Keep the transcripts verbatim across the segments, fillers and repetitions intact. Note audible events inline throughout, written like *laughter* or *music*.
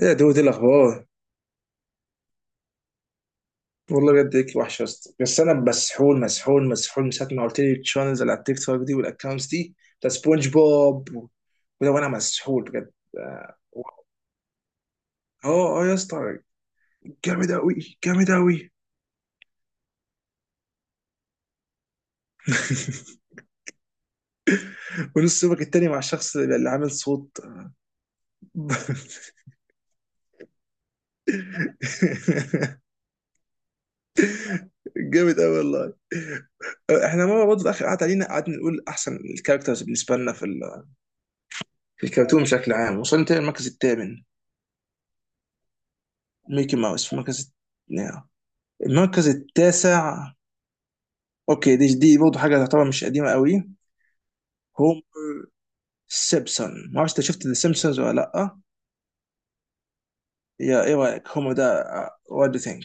ايه يا دود، إيه الاخبار؟ والله بجد هيك وحشه يا اسطى. بس انا مسحول مسحول مسحول من ساعه ما قلت لي الشانلز اللي على التيك توك دي والاكونتس دي بتاع سبونج بوب و- وده، وانا مسحول بجد. اه. اه آه يا اسطى، جامد قوي، جامد قوي. *laughs* ونص يومك التاني مع الشخص اللي اللي عامل صوت. *laughs* جامد قوي والله. آه، احنا مره برضه اخر قعد علينا قعدنا نقول احسن الكاركترز بالنسبه لنا في ال- في الكرتون بشكل عام، وصلنا تاني المركز الثامن. ميكي ماوس في المركز، نعم، المركز التاسع. اوكي، دي دي برضه حاجه تعتبر مش قديمه قوي. هوم سيبسون، ما اعرفش انت شفت ذا سيمبسونز ولا لا؟ يا، ايه رايك هوم ده؟ وات دو ثينك؟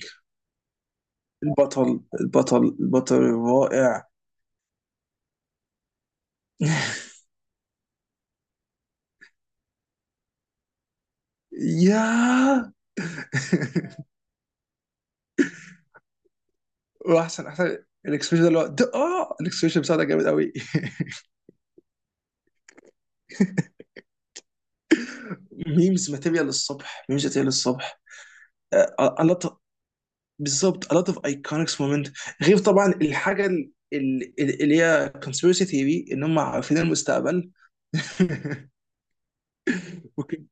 البطل البطل البطل الرائع. يا. *laughs* واحسن احسن الاكسبريشن ده اللي هو ده- اه الاكسبريشن بتاعه ده جامد قوي. *laughs* ميمز ماتيريال للصبح، ميمز ماتيريال للصبح. بالظبط، a lot of iconic moment. غير طبعا الحاجه ال- ال- اللي هي conspiracy theory ان هم عارفين المستقبل. *laughs* اوكي.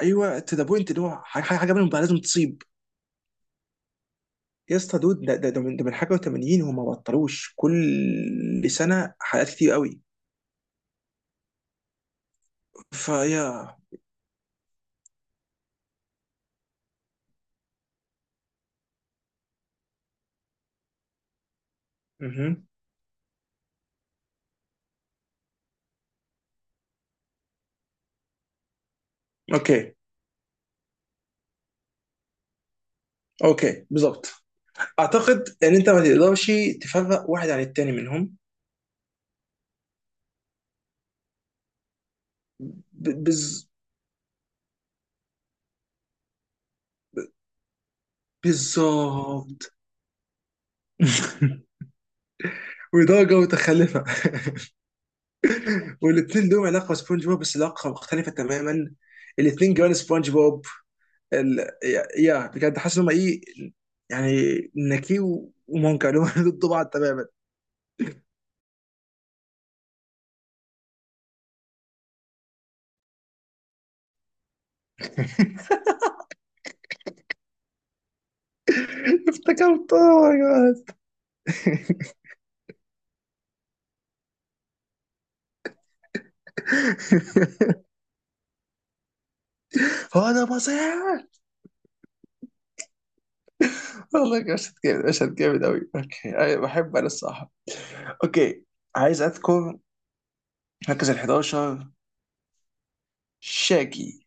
ايوه، to the point ان هو ح- ح- حاجه منهم بقى لازم تصيب. يا اسطى دود، ده ده ده من ده من حاجه وتمانين، هم ما بطلوش كل سنه حلقات كتير قوي. فيا. مهم. اوكي. اوكي بالظبط. اعتقد ان انت ما تقدرش تفرق واحد عن التاني منهم. ب- بز... بالظبط. *laughs* ودرجه متخلفه. والاثنين لهم علاقه بسبونج بوب، بس علاقه مختلفه تماما. الاثنين جوان سبونج بوب. ال... يا يا، بجد حاسس ان هم ايه، يعني نكي و- ومونكا اللي هم *laughs* ضد بعض تماما. *laughs* افتكرت اوه ماي جاد. *laughs* هو ده بصيح. *laughs* والله مشهد جامد، مشهد جامد قوي. اوكي أي- بحب انا الصراحه. اوكي، عايز اذكر مركز ال حداشر، شاجي.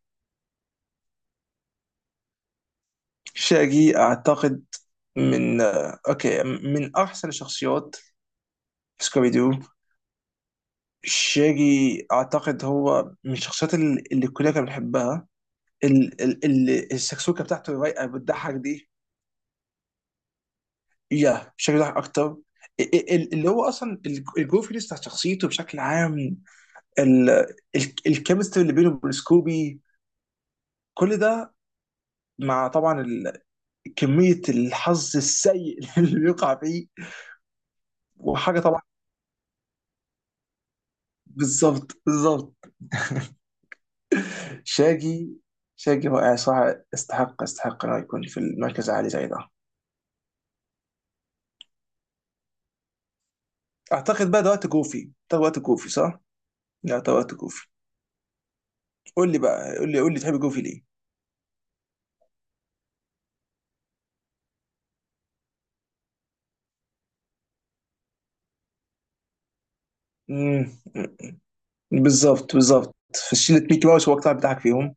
شاجي اعتقد من آه، اوكي، من احسن الشخصيات في سكوبي دو. شيري اعتقد هو من الشخصيات ال- اللي الكليه كانت بتحبها، ال- ال- ال- السكسوكه بتاعته الرايقه بتضحك دي. يا شيري ضحك اكتر. ال- ال- اللي هو اصلا ال- الجوفينس بتاع شخصيته بشكل عام، ال- ال- الكيمستري اللي بينه وبين سكوبي، كل ده، مع طبعا ال- كميه الحظ السيء *laughs* اللي بيقع فيه وحاجه طبعا. بالظبط بالظبط. شاجي، شاجي رائع صراحه، استحق استحق انه يكون في المركز العالي زي ده. اعتقد بقى ده وقت جوفي، ده وقت جوفي صح؟ لا ده وقت جوفي. قول لي بقى، قول لي، قول لي تحب جوفي ليه؟ امم. بالظبط بالظبط. في شلة ميكي ماوس هو القطع بتاعك فيهم.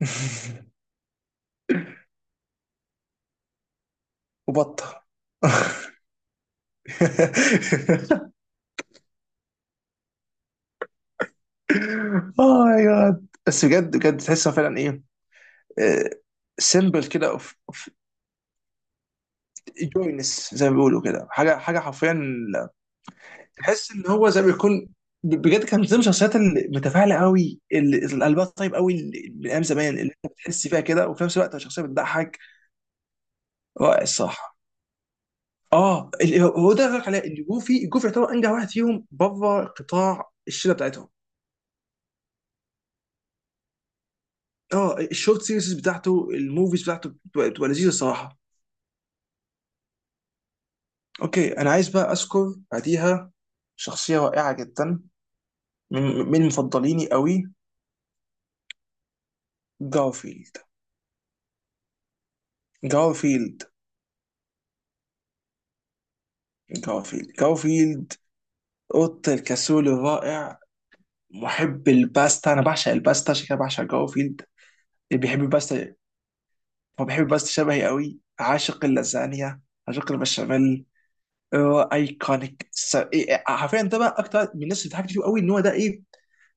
*laughs* وبطة. *laughs* اه يا جاد، بس بجد بجد تحسها فعلا ايه، سيمبل كده اوف. جوينس زي ما بيقولوا كده، حاجه حاجه حرفيا، تحس ان هو زي ما يكون، ب- بجد كان زي من ضمن الشخصيات المتفاعله قوي اللي القلبها طيب قوي اللي من ايام زمان اللي انت بتحس فيها كده، وفي نفس الوقت شخصيه بتضحك. رائع الصراحه. اه اللي هو هو ده اللي بقولك عليه ان جوفي، جوفي يعتبر انجح واحد فيهم بره قطاع الشله بتاعتهم. اه الشورت سيريز بتاعته، الموفيز بتاعته بتبقى بتبقى لذيذه الصراحه. اوكي، انا عايز بقى اذكر بعديها شخصيه رائعه جدا، من من مفضليني قوي، جارفيلد. جارفيلد. جارفيلد جارفيلد اوضه الكاسول الرائع، محب الباستا. انا بعشق الباستا عشان كده بعشق جوفيلد، اللي بيحب الباستا. هو بيحب الباستا شبهي قوي، عاشق اللازانيا، عاشق البشاميل. هو ايكونيك س- إيه- إيه، حرفيا ده بقى اكتر من الناس اللي ضحكت فيه قوي ان هو ده ايه،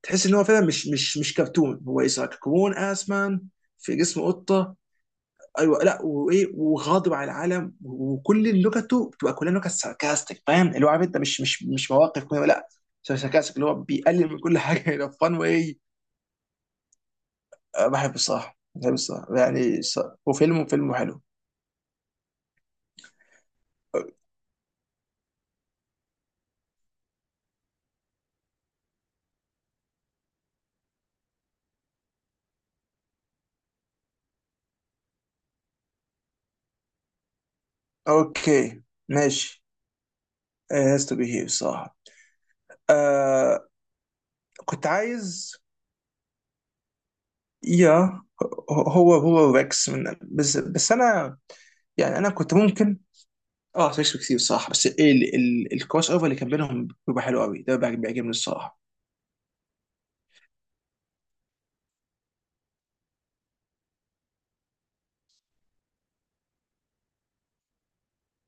تحس ان هو فعلا مش مش مش كرتون، هو اذا كرتون اسمان في جسم قطه. ايوه لا، وايه وغاضب على العالم، وكل لغته بتبقى كلها لغه ساركاستيك، فاهم اللي هو عارف انت مش مش مش مواقف كوميدية، لا، ساركاستيك اللي هو بيقلل من كل حاجه *laughs* الى فان وايه. أه، بحب الصراحه، بحب الصراحه يعني ص- وفيلم، فيلم حلو. اوكي ماشي. هاز تو بي هير الصراحه، آه. كنت عايز، يا، هو هو ريكس من، بس بس انا، يعني انا كنت ممكن، اه سيكس كتير الصراحه. بس ايه ال- ال- الكروس اوفر اللي كان بينهم بيبقى حلو قوي، ده بيعجب- بيعجبني الصراحه.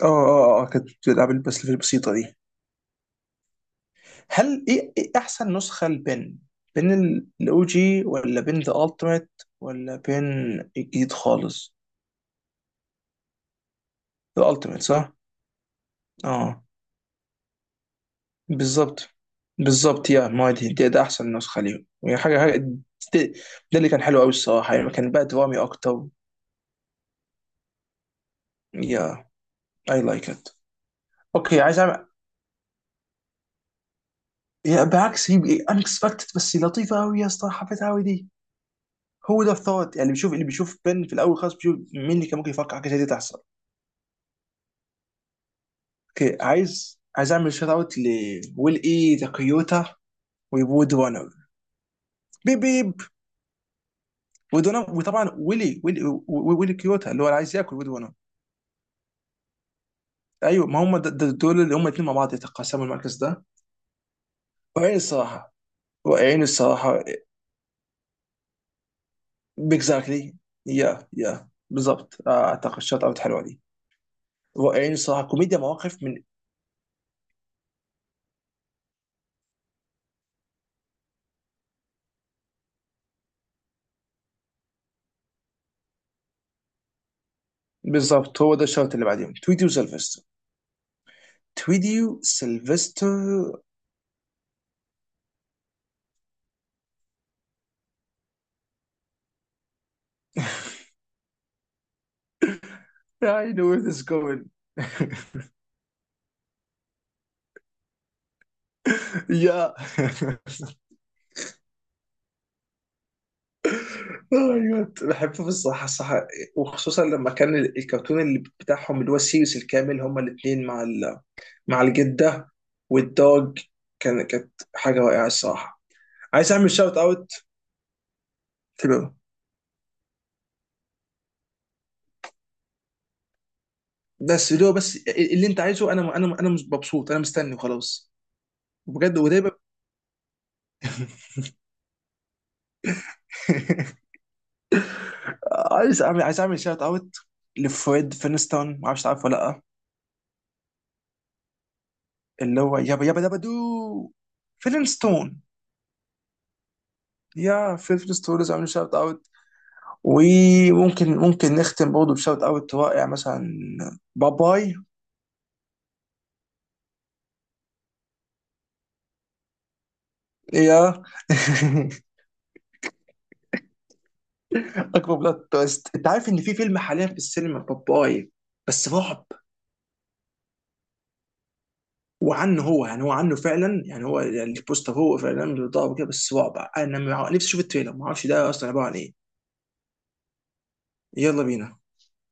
اه اه اه كانت بتلعب البس البسيطه دي. هل ايه، إيه احسن نسخه لبن؟ بين الاو جي، ولا بين ذا التيميت، ولا بين الجديد خالص؟ الالتيميت صح. اه بالظبط بالظبط. يا ما هي دي دي- ده احسن نسخه ليهم، يعني حاجه حاجه ده، ده اللي كان حلو قوي الصراحه، يعني كان بقى درامي اكتر. يا، اي لايك ات. اوكي عايز أعمل، يا بالعكس، هي انكسبكتد بس لطيفه قوي يا اسطى، حبيتها قوي دي. هو ده الثوت، يعني بيشوف اللي بيشوف بن في الاول خالص، بيشوف مين اللي كان ممكن يفكر حاجه زي دي تحصل. اوكي، عايز عايز اعمل شوت اوت لويل اي تاكيوتا وبود وانر، بيب بيب. وود وانر وطبعا ويلي ويلي و- ويلي كيوتا اللي هو اللي عايز ياكل وود وانر. ايوه، ما هم د- د- دول اللي هم الاثنين مع بعض يتقاسموا المركز ده. وعين الصراحه، وعين الصراحه. اكزاكتلي. يا يا بالظبط، آه، اعتقد شوت اوت حلوه دي. رائعين الصراحه، كوميديا مواقف من. بالظبط، هو ده الشوط اللي بعديهم تويدي وسلفستر، تويدي وسلفستر. I know where this is going. *laughs* يا، ايوه بحبه الصراحه الصراحه. وخصوصا لما كان ال- الكرتون اللي بتاعهم، اللي هو السيريس الكامل، هما الاثنين مع ال... مع الجده والدوج، كان، كانت حاجه رائعه الصراحه. عايز اعمل شوت اوت. تمام. بس اللي هو، بس اللي انت عايزه انا، انا انا مبسوط، انا مستني وخلاص. بجد ودايما. *laughs* عايز اعمل عايز اعمل شوت اوت لفريد فينستون، ما اعرفش تعرفه ولا لا. اللي هو يابا يابا يابا دو، فينستون. يا فيل فينستون، لازم اعمل شوت اوت. وممكن ممكن نختم برضه بشوت اوت رائع مثلا، باباي. يا. *laughs* اكبر بلوت تويست، انت عارف ان في فيلم حاليا في السينما، باباي، بس رعب. وعنه هو يعني، هو عنه فعلا يعني، هو البوستر هو فعلا بيضرب كده بس رعب، انا مع- نفسي اشوف التريلر، ما اعرفش ده اصلا عباره عن ايه. يلا بينا.